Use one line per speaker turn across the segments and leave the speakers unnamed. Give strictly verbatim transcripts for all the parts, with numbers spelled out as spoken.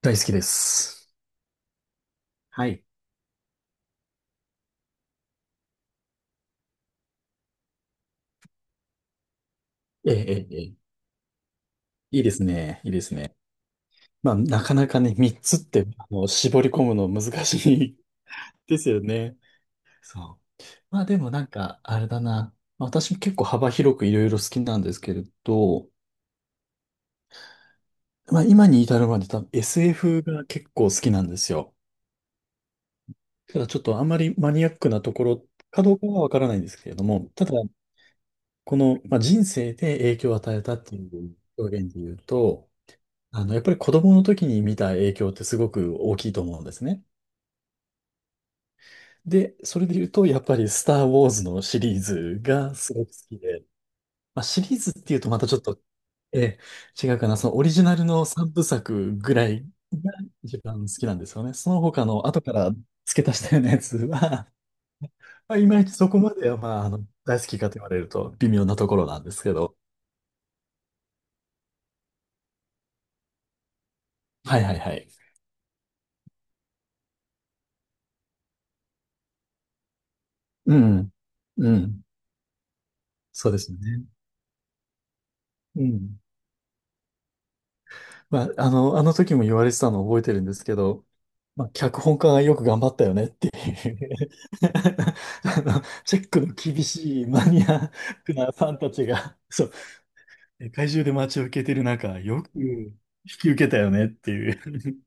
大好きです。はい。ええ、ええ、ええ、いいですね。いいですね。まあ、なかなかね、みっつって、あの、絞り込むの難しい ですよね。そう。まあ、でもなんか、あれだな。まあ私も結構幅広くいろいろ好きなんですけれど、まあ、今に至るまで多分 エスエフ が結構好きなんですよ。ただちょっとあんまりマニアックなところかどうかはわからないんですけれども、ただ、この、まあ、人生で影響を与えたっていう表現で言うと、あの、やっぱり子供の時に見た影響ってすごく大きいと思うんですね。で、それで言うと、やっぱりスター・ウォーズのシリーズがすごく好きで、まあ、シリーズっていうとまたちょっと、えー違うかな、そのオリジナルのさんぶさくぐらいが一番好きなんですよね。その他の後から付け足したようなやつは、まあ、いまいちそこまでは、まあ、あの、大好きかと言われると微妙なところなんですけど。はいはいはい。うん。うん。そうですよね。うん。まあ、あの、あの時も言われてたのを覚えてるんですけど、まあ、脚本家がよく頑張ったよねっていう あの、チェックの厳しいマニアックなファンたちが、そう、世界中で待ち受けてる中、よく引き受けたよねっていう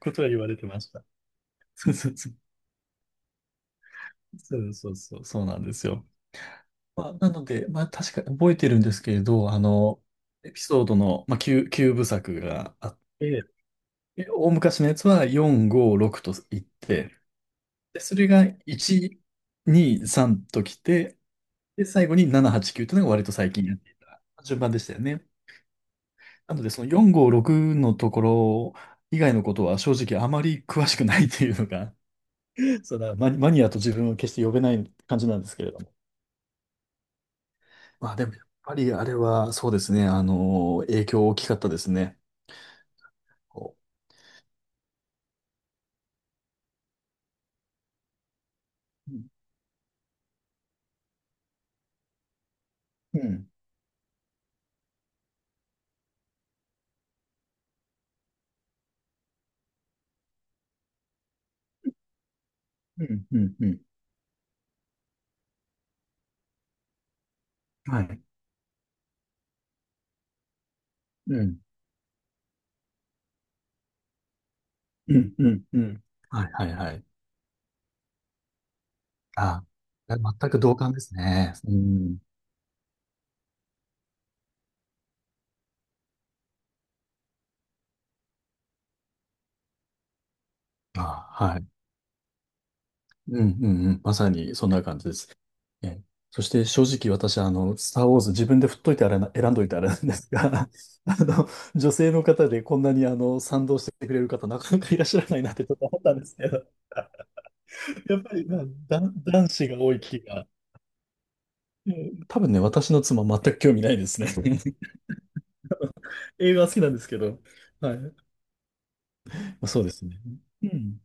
ことは言われてました。そうそうそう、そうそうそう、そうなんですよ。まあ、なので、まあ、確か覚えてるんですけれど、あの、エピソードの、まあ、きゅう、きゅうぶさくがあって、え大昔のやつはよん、ご、ろくといって、で、それがいち、に、さんときて、で、最後になな、はち、きゅうというのが割と最近やっていた順番でしたよね。なので、そのよん、ご、ろくのところ以外のことは正直あまり詳しくないというのが、そのマニ、マニアと自分を決して呼べない感じなんですけれども。まあでも、やっぱりあれはそうですね、あの、影響大きかったですね。こううん、うん、うん、うん。はい。うん、うん、うん、うん。はい、はい、はい。あ、全く同感ですね。うん。あ、はい。うんうんうん。まさにそんな感じです。え、そして正直私、あの、スター・ウォーズ自分で振っといてあれな、選んどいてあれなんですが、あの、女性の方でこんなにあの、賛同してくれる方なかなかいらっしゃらないなってちょっと思ったんですけど、やっぱり、まあ、男男子が多い気が。うん、多分ね、私の妻全く興味ないですね。映画は好きなんですけど。はい。まあ、そうですね。うん。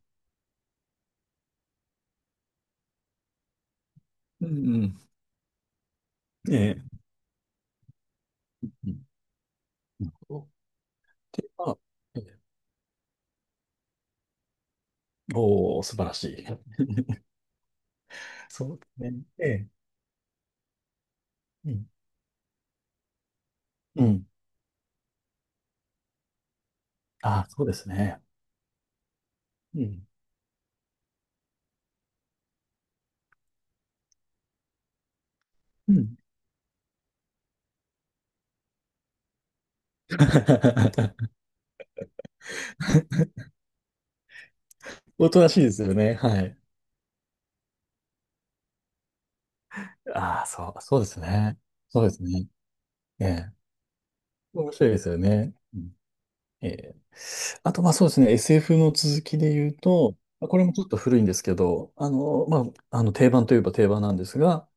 うんうん。ええ。うん、なるほど。で、まあ、ええ、おー、素晴らしい。そうですね。ええ。うん。うん。ああ、そうですね。うん。うん。おとなしいですよね。はい。ああ、そう、そうですね。そうですね。ええ。面白いですよね。うん、ええ。あと、まあそうですね。エスエフ の続きで言うと、まあこれもちょっと古いんですけど、あの、まあ、あの、定番といえば定番なんですが、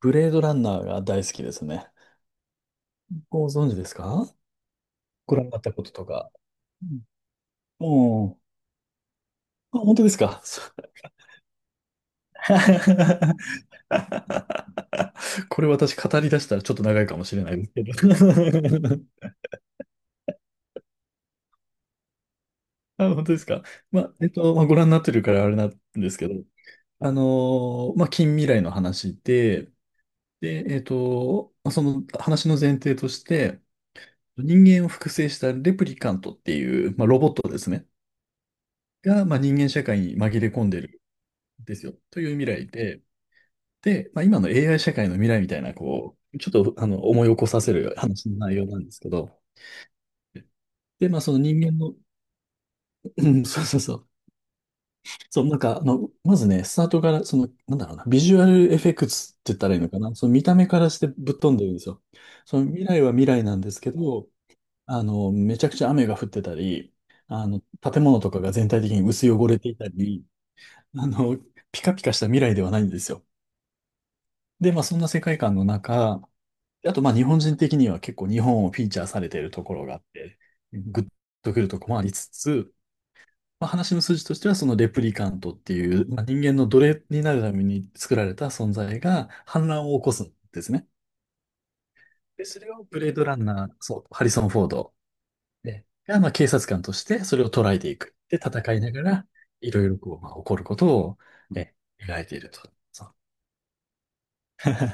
ブレードランナーが大好きですね。ご存知ですか、ご覧になったこととか。うん、もう、あ、本当ですか。そう これ私語り出したらちょっと長いかもしれないですけど あ、本当ですか。まあ、えっと、まあ、ご覧になってるからあれなんですけど、あのーまあ、近未来の話で、で、えっと、まあその話の前提として、人間を複製したレプリカントっていう、まあ、ロボットですね、が、まあ、人間社会に紛れ込んでるんですよ、という未来で、で、まあ、今の エーアイ 社会の未来みたいな、こう、ちょっと、あの、思い起こさせる話の内容なんですけど、で、まあ、その人間の、うん、 そうそうそう。そう、なんか、あの、まずね、スタートから、その、なんだろうな、ビジュアルエフェクツって言ったらいいのかな。その見た目からしてぶっ飛んでるんですよ。その未来は未来なんですけど、あの、めちゃくちゃ雨が降ってたり、あの、建物とかが全体的に薄汚れていたり、あの、ピカピカした未来ではないんですよ。で、まあ、そんな世界観の中、あと、まあ、日本人的には結構日本をフィーチャーされているところがあって、グッとくるとこもありつつ、まあ、話の筋としては、そのレプリカントっていう、まあ、人間の奴隷になるために作られた存在が反乱を起こすんですね。で、それをブレードランナー、そう、ハリソン・フォードでが、まあ、警察官としてそれを捉えていく。で、戦いながら、いろいろこう、まあ、起こることを、ね、描いていると。そう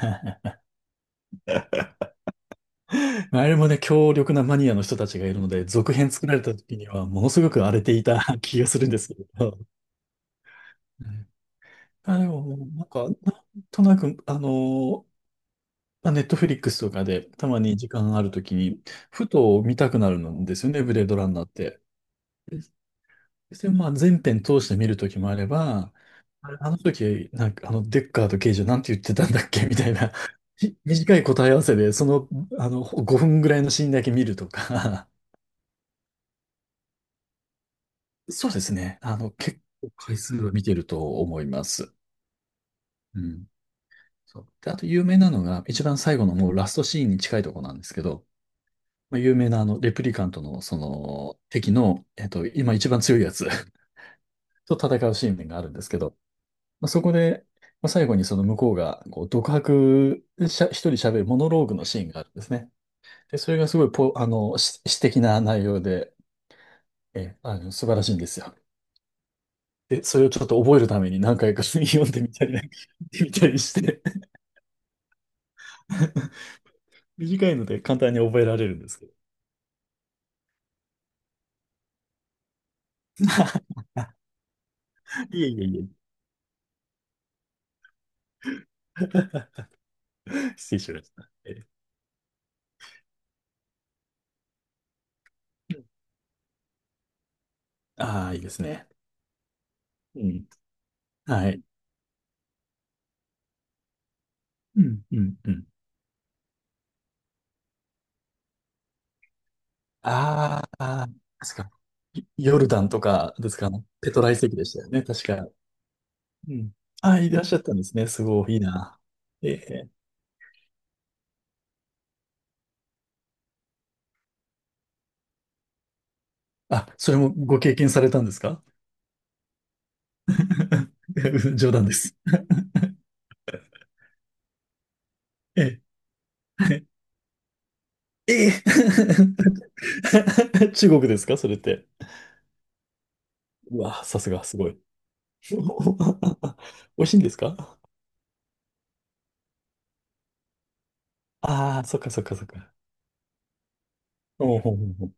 まああれもね、強力なマニアの人たちがいるので、続編作られた時にはものすごく荒れていた 気がするんですけど。うん、あ、でも、なんか、なんとなく、あのまあ、ネットフリックスとかで、たまに時間あるときに、ふと見たくなるんですよね、ブレードランナーって。で、まあ、全編通して見るときもあれば、あれあの時、なんか、あの、デッカーと刑事はなんて言ってたんだっけ みたいな、ひ短い答え合わせで、その、あの、ごふんぐらいのシーンだけ見るとか、そうですね。あの、結構回数は見てると思います。うん。そう。で、あと有名なのが、一番最後のもうラストシーンに近いとこなんですけど、まあ有名なあの、レプリカントのその敵の、えっと、今一番強いやつ と戦うシーンがあるんですけど、まあ、そこで、まあ、最後にその向こうが、こう、独白しゃ、一人喋るモノローグのシーンがあるんですね。で、それがすごいポ、あの、詩詩的な内容で、え、あの、素晴らしいんですよ。で、それをちょっと覚えるために何回か 読んでみたり、なんか見みたりして 短いので簡単に覚えられるんですけど。いえいえいえ。失礼しました。え、ああ、いいですね。うん。はい。うん、うん、うん。あーあー、ですか。ヨルダンとかですかね。あのペトラ遺跡でしたよね、確か。うん。あ、いらっしゃったんですね。すごい、いいな。ええ。あ、それもご経験されたんですか。 冗談です。ええ。ええ。 中国ですかそれって。うわ、さすが、すごい。美味しいんですか。ああー、そっかそっかそっか。おうほうほうほう。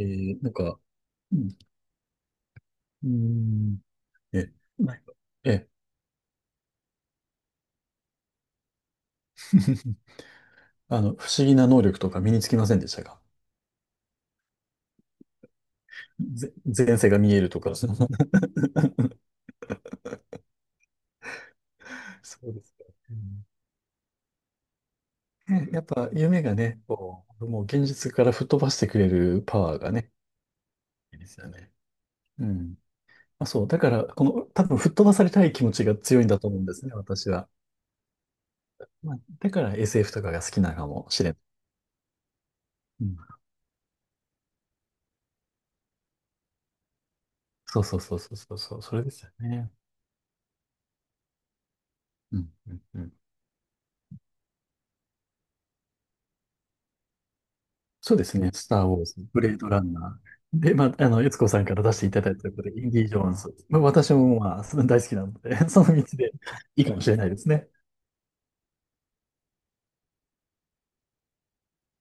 えーなんか、うん。うーん、え、なんか、ええ。あの、不思議な能力とか身につきませんでしたか。ぜ、前世が見えるとか。その そうですか。うん、ねやっぱ夢がね、こう、もう現実から吹っ飛ばしてくれるパワーがね、いいですよね。うん。まあ、そう。だから、この、多分吹っ飛ばされたい気持ちが強いんだと思うんですね、私は。まあ、だから エスエフ とかが好きなのかもしれない。うん。そうそうそうそうそうそう、それですよね。うん。うんうん、そうですね。スター・ウォーズ、ブレードランナー。で、まあ、あの、悦子さんから出していただいたということで、インディ・ジョーンズ。まあ、私も、まあ、その大好きなので、その道でいいかもしれないですね。